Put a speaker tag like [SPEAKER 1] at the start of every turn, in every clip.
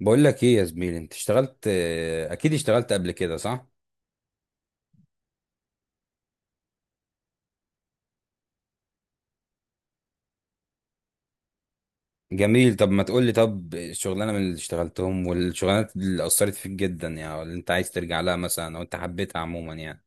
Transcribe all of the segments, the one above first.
[SPEAKER 1] بقول لك ايه يا زميلي، انت اشتغلت اكيد اشتغلت قبل كده، صح؟ جميل. طب ما تقول لي، طب الشغلانه من اللي اشتغلتهم، والشغلانات اللي اثرت فيك جدا يعني، اللي انت عايز ترجع لها مثلا او انت حبيتها عموما يعني.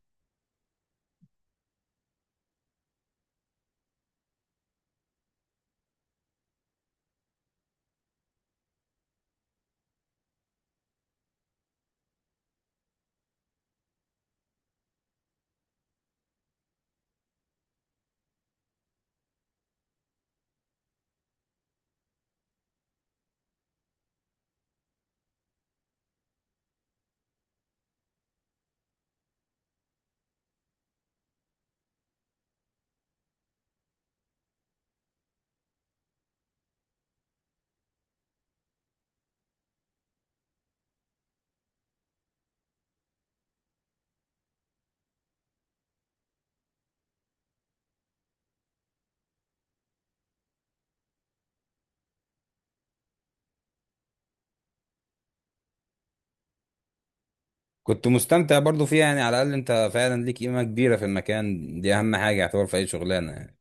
[SPEAKER 1] كنت مستمتع برضو فيها يعني، على الاقل انت فعلا ليك قيمه كبيره في المكان. دي اهم حاجه يعتبر في اي شغلانه يعني،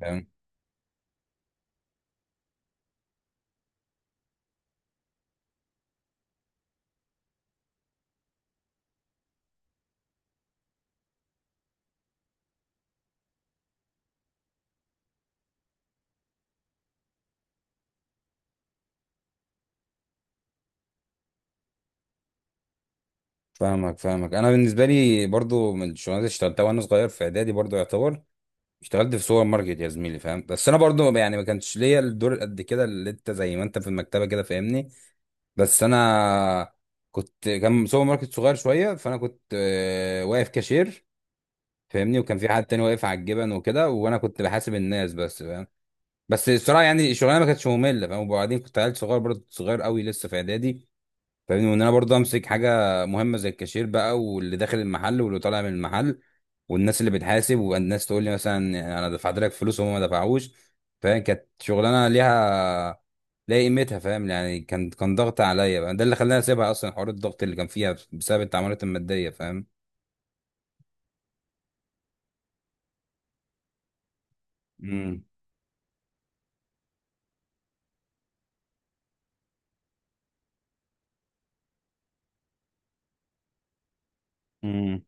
[SPEAKER 1] فاهم؟ فاهمك، انا بالنسبه لي برضو من الشغلانات اللي اشتغلتها وانا صغير في اعدادي برضو، يعتبر اشتغلت في سوبر ماركت يا زميلي، فاهم؟ بس انا برضو يعني ما كانش ليا الدور قد كده اللي انت، زي ما انت في المكتبه كده، فاهمني؟ بس انا كان سوبر ماركت صغير شويه، فانا كنت واقف كاشير، فاهمني. وكان في حد تاني واقف على الجبن وكده، وانا كنت بحاسب الناس بس، فاهم؟ بس الصراحه يعني الشغلانه ما كانتش ممله، فاهم؟ وبعدين كنت عيل صغير برضه، صغير قوي لسه في اعدادي، فاهمني؟ وان انا برضه امسك حاجه مهمه زي الكاشير بقى، واللي داخل المحل واللي طالع من المحل، والناس اللي بتحاسب، والناس تقول لي مثلا انا دفعت لك فلوس وهم ما دفعوش، فاهم؟ كانت شغلانه ليها قيمتها، فاهم يعني؟ كان ضغط عليا بقى، ده اللي خلاني اسيبها اصلا، حوار الضغط اللي كان فيها بسبب التعاملات الماديه، فاهم؟ امم.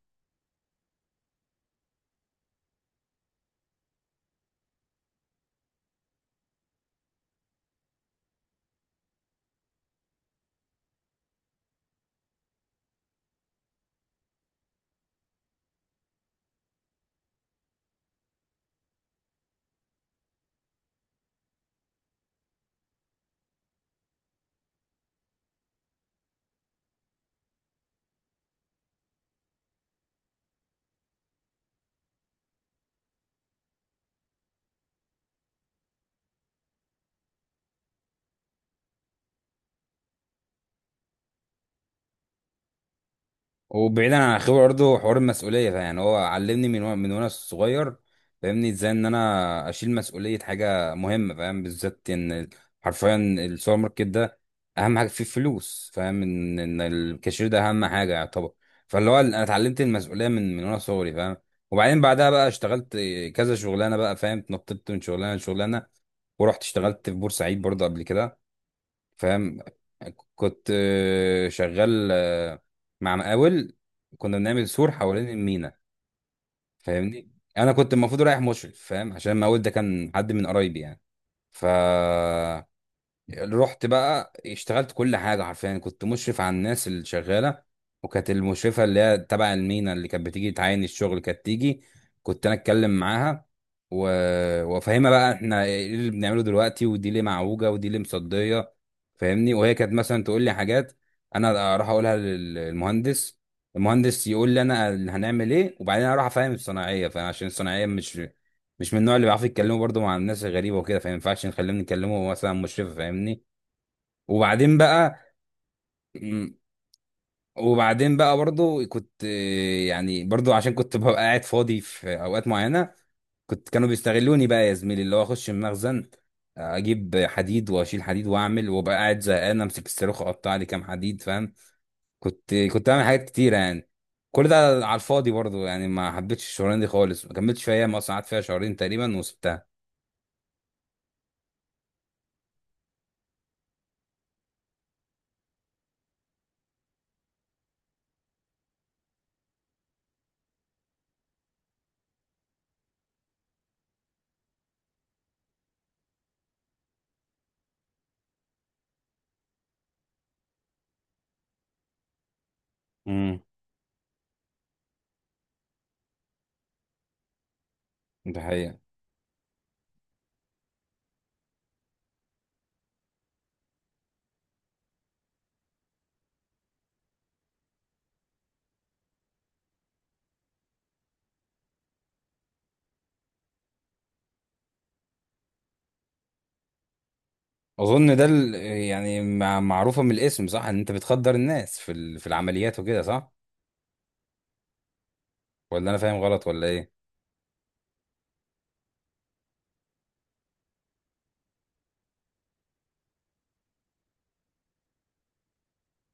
[SPEAKER 1] وبعيدا عن الخبره برضه، حوار المسؤوليه ده يعني هو علمني من وانا صغير، فاهمني، ازاي ان انا اشيل مسؤوليه حاجه مهمه، فاهم؟ بالذات ان حرفيا السوبر ماركت ده اهم حاجه فيه فلوس، فاهم؟ ان الكاشير ده اهم حاجه يعتبر. فاللي هو انا اتعلمت المسؤوليه من وانا صغري، فاهم؟ وبعدين بعدها بقى اشتغلت كذا شغلانه بقى، فاهم؟ اتنططت من شغلانه لشغلانه، ورحت اشتغلت في بورسعيد برضه قبل كده، فاهم؟ كنت شغال مع مقاول. كنا بنعمل سور حوالين المينا، فاهمني. انا كنت المفروض رايح مشرف، فاهم؟ عشان المقاول ده كان حد من قرايبي يعني. ف رحت بقى اشتغلت كل حاجة، حرفيا كنت مشرف على الناس اللي شغالة. وكانت المشرفة اللي هي تبع المينا اللي كانت بتيجي تعاين الشغل كانت تيجي، كنت أنا أتكلم معاها و... وأفهمها بقى إحنا إيه اللي بنعمله دلوقتي، ودي ليه معوجة، ودي ليه مصدية، فاهمني؟ وهي كانت مثلا تقول لي حاجات، أنا أروح أقولها للمهندس. المهندس يقول لي أنا اللي هنعمل إيه، وبعدين أروح أفهم الصناعية. فعشان الصناعية مش من النوع اللي بيعرفوا يتكلموا برضه مع الناس الغريبة وكده، فما ينفعش نخليهم يتكلموا مثلا مشرف، فاهمني. وبعدين بقى مم، وبعدين بقى برضو كنت يعني برضو عشان كنت ببقى قاعد فاضي في اوقات معينه، كانوا بيستغلوني بقى يا زميلي، اللي هو اخش المخزن، اجيب حديد واشيل حديد واعمل، وابقى قاعد زهقان امسك الصاروخ اقطع لي كام حديد، فاهم؟ كنت بعمل حاجات كتيره يعني، كل ده على الفاضي برضو يعني. ما حبيتش الشغلانه دي خالص، ما كملتش فيها، ما قعدت فيها شهرين تقريبا وسبتها. امم. ده حقيقة. اظن ده يعني معروفة من الاسم، صح؟ ان انت بتخدر الناس في العمليات وكده، صح؟ ولا انا فاهم غلط ولا ايه؟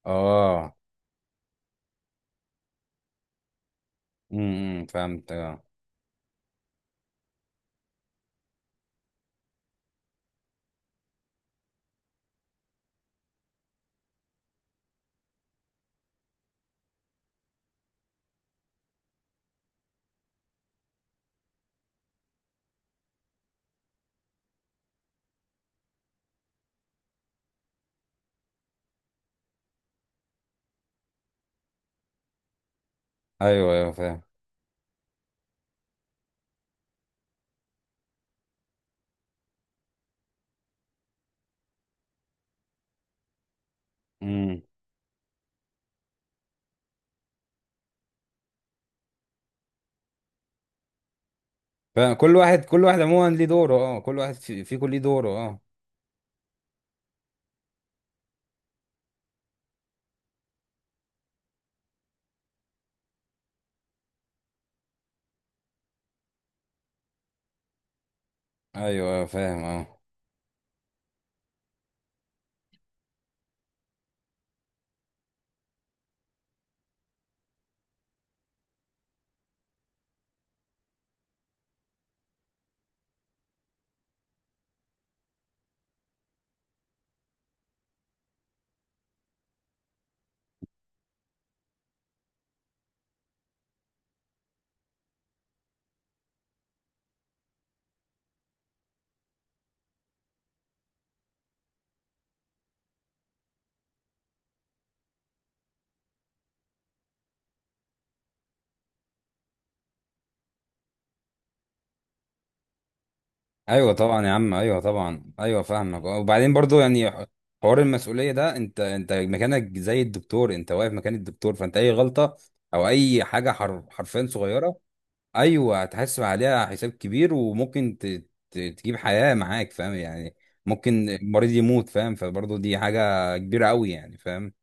[SPEAKER 1] اه. امم. إمم. فهمت، اه. ايوه، ايوه، فاهم. امم. فاهم، كل واحد، كل واحد عموما ليه دوره، اه. كل واحد في كل ليه دوره، اه. ايوه، ايوه، فاهم، اه. ايوه طبعا يا عم، ايوه طبعا، ايوه فاهمك، اه. وبعدين برضو يعني، حوار المسؤولية ده، انت مكانك زي الدكتور، انت واقف مكان الدكتور. فانت اي غلطة او اي حاجة حرفيا صغيرة، ايوه هتحاسب عليها حساب كبير، وممكن تجيب حياه معاك، فاهم يعني؟ ممكن المريض يموت، فاهم؟ فبرضه دي حاجه كبيره قوي يعني، فاهم؟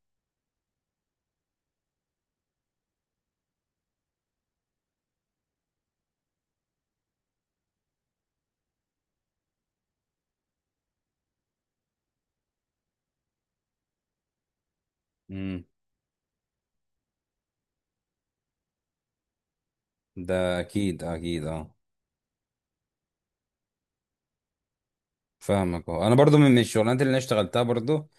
[SPEAKER 1] امم. ده اكيد، اكيد، اه. فاهمك، اه. انا برضه من الشغلانات اللي انا اشتغلتها برضه،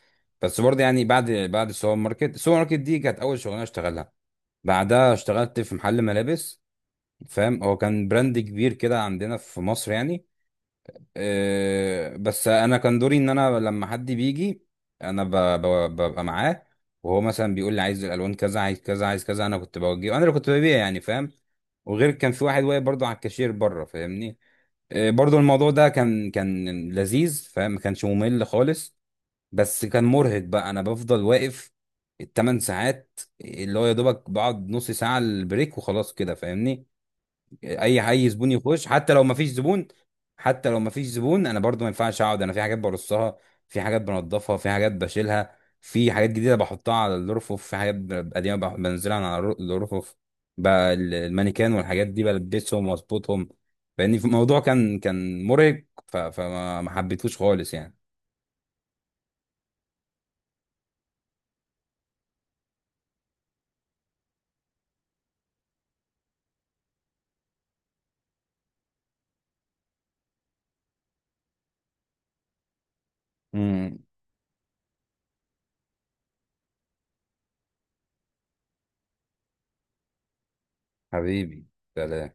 [SPEAKER 1] بس برضه يعني بعد السوبر ماركت، السوبر ماركت دي كانت اول شغلانه اشتغلها. بعدها اشتغلت في محل ملابس، فاهم. هو كان براند كبير كده عندنا في مصر يعني. بس انا كان دوري ان انا لما حد بيجي انا ببقى معاه، وهو مثلا بيقول لي عايز الالوان كذا، عايز كذا، عايز كذا، انا كنت بوجهه. انا اللي كنت ببيع يعني، فاهم؟ وغير كان في واحد واقف برضه على الكاشير بره، فاهمني. برضه الموضوع ده كان لذيذ، فاهم؟ ما كانش ممل خالص. بس كان مرهق بقى، انا بفضل واقف الـ 8 ساعات اللي هو يا دوبك بقعد نص ساعة البريك وخلاص كده، فاهمني. اي زبون يخش، حتى لو ما فيش زبون، حتى لو ما فيش زبون انا برضو ما ينفعش اقعد، انا في حاجات برصها، في حاجات بنضفها، في حاجات بشيلها، في حاجات جديده بحطها على الرفوف، في حاجات قديمه بنزلها على الرفوف، بقى المانيكان والحاجات دي بلبسهم واظبطهم. فاني في الموضوع كان مرهق، ف- فما ما حبيتهوش خالص يعني. امم. حبيبي، سلام.